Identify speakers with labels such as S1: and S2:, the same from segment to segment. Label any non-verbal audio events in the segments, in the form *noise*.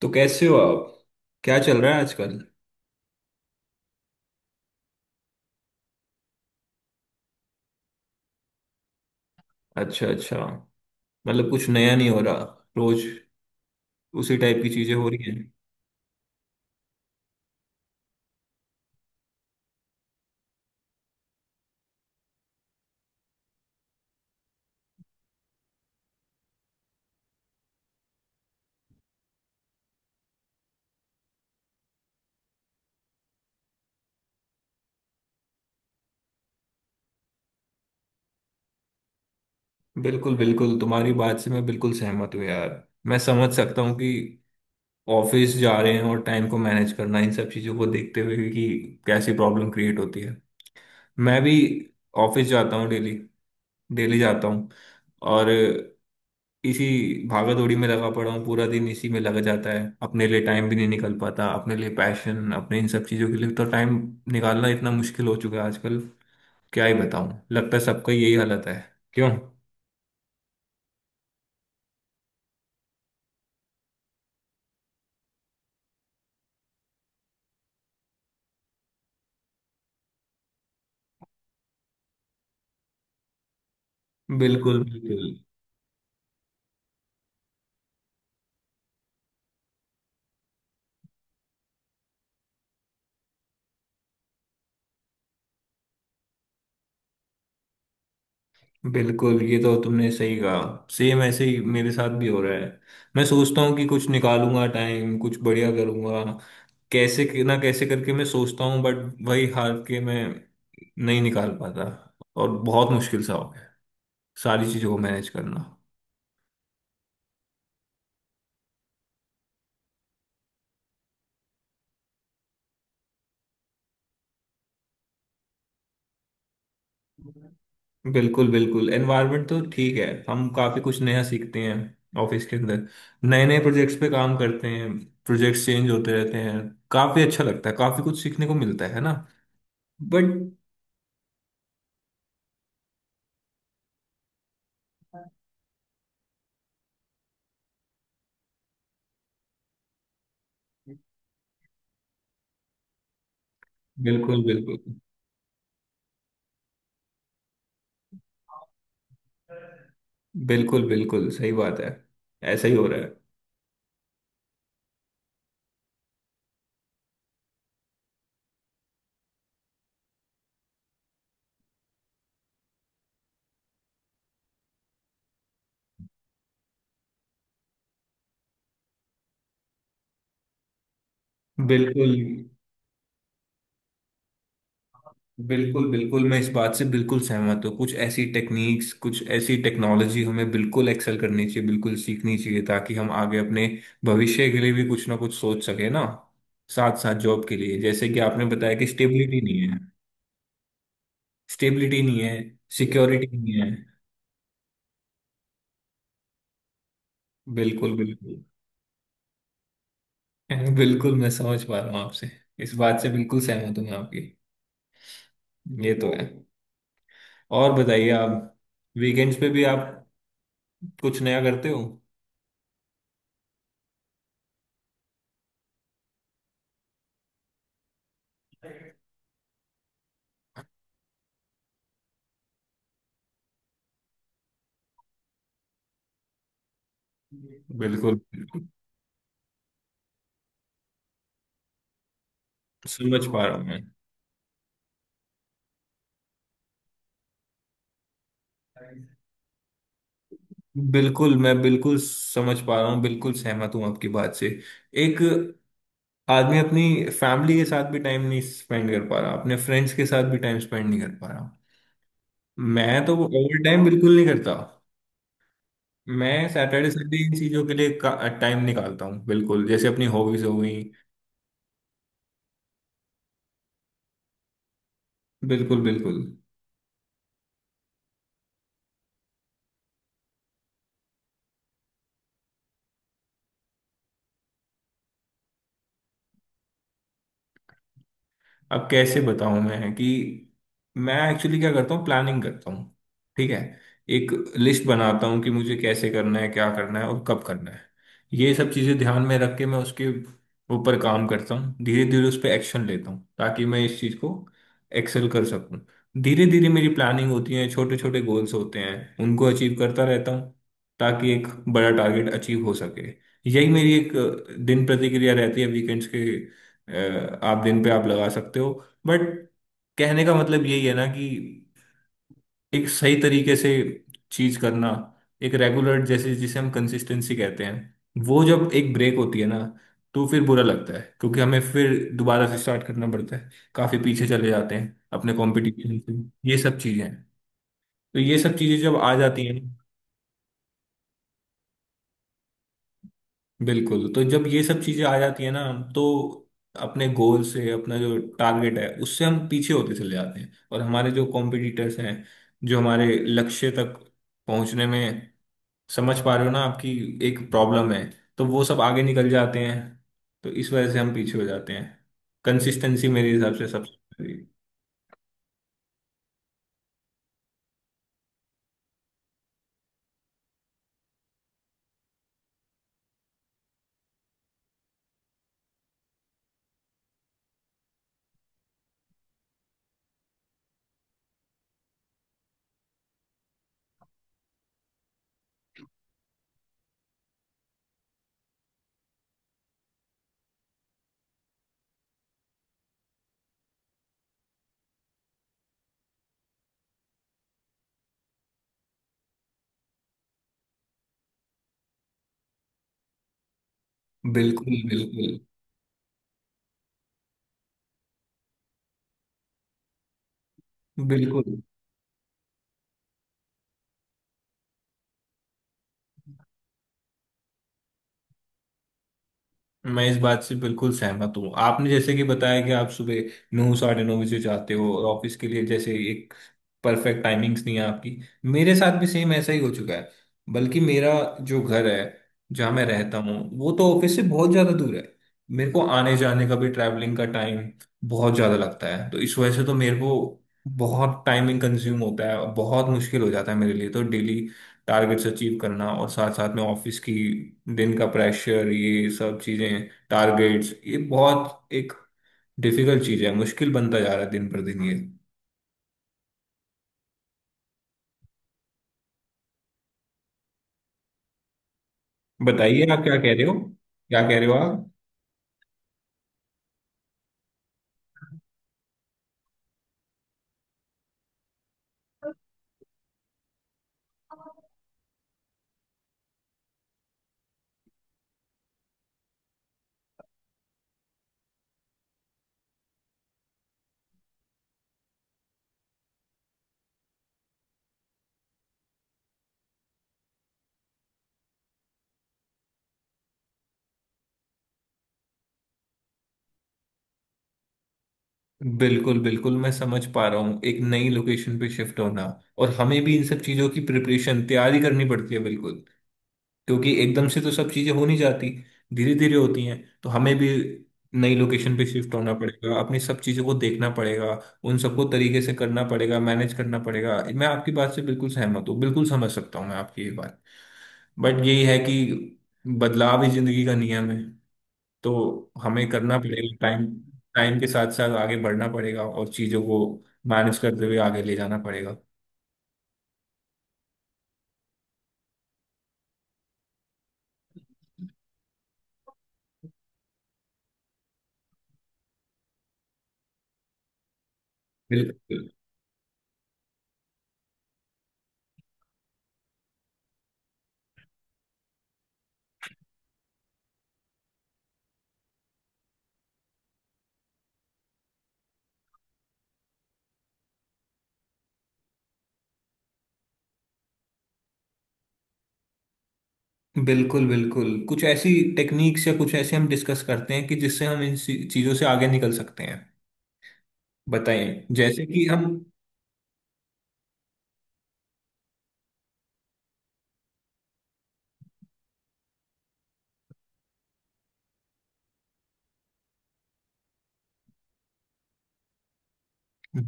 S1: तो कैसे हो आप। क्या चल रहा है आजकल। अच्छा अच्छा। मतलब कुछ नया नहीं हो रहा। रोज उसी टाइप की चीजें हो रही हैं। बिल्कुल बिल्कुल, तुम्हारी बात से मैं बिल्कुल सहमत हूँ यार। मैं समझ सकता हूँ कि ऑफिस जा रहे हैं और टाइम को मैनेज करना, इन सब चीजों को देखते हुए कि कैसी प्रॉब्लम क्रिएट होती है। मैं भी ऑफिस जाता हूँ डेली। डेली जाता हूँ। और इसी भागा दौड़ी में लगा पड़ा हूँ। पूरा दिन इसी में लग जाता है। अपने लिए टाइम भी नहीं निकल पाता। अपने लिए, पैशन, अपने इन सब चीज़ों के लिए तो टाइम निकालना इतना मुश्किल हो चुका है आजकल। क्या ही बताऊँ, लगता है सबका यही हालत है। क्यों। बिल्कुल बिल्कुल। बिल्कुल, ये तो तुमने सही कहा। सेम ऐसे ही मेरे साथ भी हो रहा है। मैं सोचता हूँ कि कुछ निकालूंगा टाइम, कुछ बढ़िया करूंगा। कैसे ना, कैसे करके मैं सोचता हूँ, बट वही हार के मैं नहीं निकाल पाता। और बहुत मुश्किल सा हो गया सारी चीजों को मैनेज करना। बिल्कुल बिल्कुल। एनवायरनमेंट तो ठीक है, हम काफी कुछ नया सीखते हैं ऑफिस के अंदर। नए नए प्रोजेक्ट्स पे काम करते हैं। प्रोजेक्ट्स चेंज होते रहते हैं। काफी अच्छा लगता है, काफी कुछ सीखने को मिलता है ना। बट बिल्कुल बिल्कुल। बिल्कुल बिल्कुल सही बात है। ऐसा ही हो रहा है। बिल्कुल बिल्कुल बिल्कुल, मैं इस बात से बिल्कुल सहमत हूँ। कुछ ऐसी टेक्निक्स, कुछ ऐसी टेक्नोलॉजी हमें बिल्कुल एक्सेल करनी चाहिए, बिल्कुल सीखनी चाहिए, ताकि हम आगे अपने भविष्य के लिए भी कुछ ना कुछ सोच सके ना। साथ साथ जॉब के लिए, जैसे कि आपने बताया कि स्टेबिलिटी नहीं है। स्टेबिलिटी नहीं है, सिक्योरिटी नहीं है। बिल्कुल बिल्कुल। *laughs* बिल्कुल, मैं समझ पा रहा हूँ आपसे। इस बात से बिल्कुल सहमत हूँ मैं आपकी। ये तो है। और बताइए आप, वीकेंड्स पे भी आप कुछ नया करते हो। बिल्कुल समझ पा रहा हूँ मैं। बिल्कुल, मैं बिल्कुल समझ पा रहा हूँ, बिल्कुल सहमत हूँ आपकी बात से। एक आदमी अपनी फैमिली के साथ भी टाइम नहीं स्पेंड कर पा रहा, अपने फ्रेंड्स के साथ भी टाइम स्पेंड नहीं कर पा रहा। मैं तो ओवर टाइम बिल्कुल नहीं करता। मैं सैटरडे संडे इन चीज़ों के लिए टाइम निकालता हूँ, बिल्कुल, जैसे अपनी हॉबीज हो गई। बिल्कुल बिल्कुल। अब कैसे बताऊं मैं कि मैं एक्चुअली क्या करता हूँ। प्लानिंग करता हूँ। ठीक है। एक लिस्ट बनाता हूँ कि मुझे कैसे करना है, क्या करना है और कब करना है। ये सब चीज़ें ध्यान में रख के मैं उसके ऊपर काम करता हूँ। धीरे धीरे उस पर एक्शन लेता हूँ, ताकि मैं इस चीज़ को एक्सेल कर सकूँ। धीरे धीरे मेरी प्लानिंग होती है, छोटे छोटे गोल्स होते हैं, उनको अचीव करता रहता हूँ, ताकि एक बड़ा टारगेट अचीव हो सके। यही मेरी एक दिन प्रतिक्रिया रहती है। वीकेंड्स के आप दिन पे आप लगा सकते हो, बट कहने का मतलब यही है ना कि एक सही तरीके से चीज करना, एक रेगुलर, जैसे जिसे हम कंसिस्टेंसी कहते हैं, वो जब एक ब्रेक होती है ना, तो फिर बुरा लगता है, क्योंकि हमें फिर दोबारा से स्टार्ट करना पड़ता है। काफी पीछे चले जाते हैं अपने कंपटीशन से। ये सब चीजें हैं। तो ये सब चीजें जब आ जाती हैं। बिल्कुल। तो जब ये सब चीजें आ जाती है ना, तो अपने गोल से, अपना जो टारगेट है उससे हम पीछे होते चले जाते हैं, और हमारे जो कॉम्पिटिटर्स हैं, जो हमारे लक्ष्य तक पहुंचने में, समझ पा रहे हो ना, आपकी एक प्रॉब्लम है, तो वो सब आगे निकल जाते हैं, तो इस वजह से हम पीछे हो जाते हैं। कंसिस्टेंसी मेरे हिसाब से सबसे बड़ी- बिल्कुल बिल्कुल बिल्कुल, मैं इस बात से बिल्कुल सहमत हूँ। आपने जैसे कि बताया कि आप सुबह नौ साढ़े नौ बजे जाते हो, और ऑफिस के लिए जैसे एक परफेक्ट टाइमिंग्स नहीं है आपकी। मेरे साथ भी सेम ऐसा ही हो चुका है। बल्कि मेरा जो घर है, जहाँ मैं रहता हूँ, वो तो ऑफिस से बहुत ज़्यादा दूर है। मेरे को आने जाने का भी, ट्रैवलिंग का टाइम बहुत ज़्यादा लगता है। तो इस वजह से तो मेरे को बहुत टाइमिंग कंज्यूम होता है, और बहुत मुश्किल हो जाता है मेरे लिए तो डेली टारगेट्स अचीव करना, और साथ साथ में ऑफिस की दिन का प्रेशर, ये सब चीजें, टारगेट्स, ये बहुत एक डिफिकल्ट चीज है। मुश्किल बनता जा रहा है दिन पर दिन ये। बताइए आप क्या कह रहे हो। क्या कह रहे हो आप। बिल्कुल बिल्कुल, मैं समझ पा रहा हूँ। एक नई लोकेशन पे शिफ्ट होना, और हमें भी इन सब चीजों की प्रिपरेशन, तैयारी करनी पड़ती है, बिल्कुल। क्योंकि एकदम से तो सब चीजें हो नहीं जाती, धीरे धीरे होती हैं। तो हमें भी नई लोकेशन पे शिफ्ट होना पड़ेगा, अपनी सब चीजों को देखना पड़ेगा, उन सबको तरीके से करना पड़ेगा, मैनेज करना पड़ेगा। मैं आपकी बात से बिल्कुल सहमत हूँ, बिल्कुल समझ सकता हूँ मैं आपकी ये बात। बट यही है कि बदलाव ही जिंदगी का नियम है। तो हमें करना पड़ेगा। टाइम, टाइम के साथ साथ आगे बढ़ना पड़ेगा, और चीजों को मैनेज करते हुए आगे ले जाना पड़ेगा। बिल्कुल बिल्कुल। बिल्कुल कुछ ऐसी टेक्निक्स या कुछ ऐसे हम डिस्कस करते हैं, कि जिससे हम इन चीजों से आगे निकल सकते हैं। बताइए, जैसे कि हम।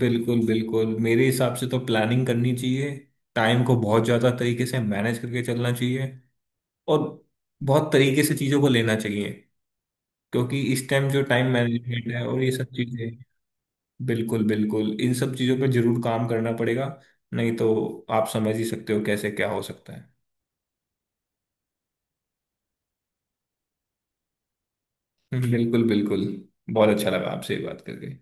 S1: बिल्कुल बिल्कुल, मेरे हिसाब से तो प्लानिंग करनी चाहिए, टाइम को बहुत ज्यादा तरीके से मैनेज करके चलना चाहिए, और बहुत तरीके से चीजों को लेना चाहिए, क्योंकि इस टाइम जो टाइम मैनेजमेंट है और ये सब चीजें। बिल्कुल बिल्कुल, इन सब चीजों पर जरूर काम करना पड़ेगा। नहीं तो आप समझ ही सकते हो कैसे क्या हो सकता है। बिल्कुल बिल्कुल। बहुत अच्छा लगा आपसे ये बात करके।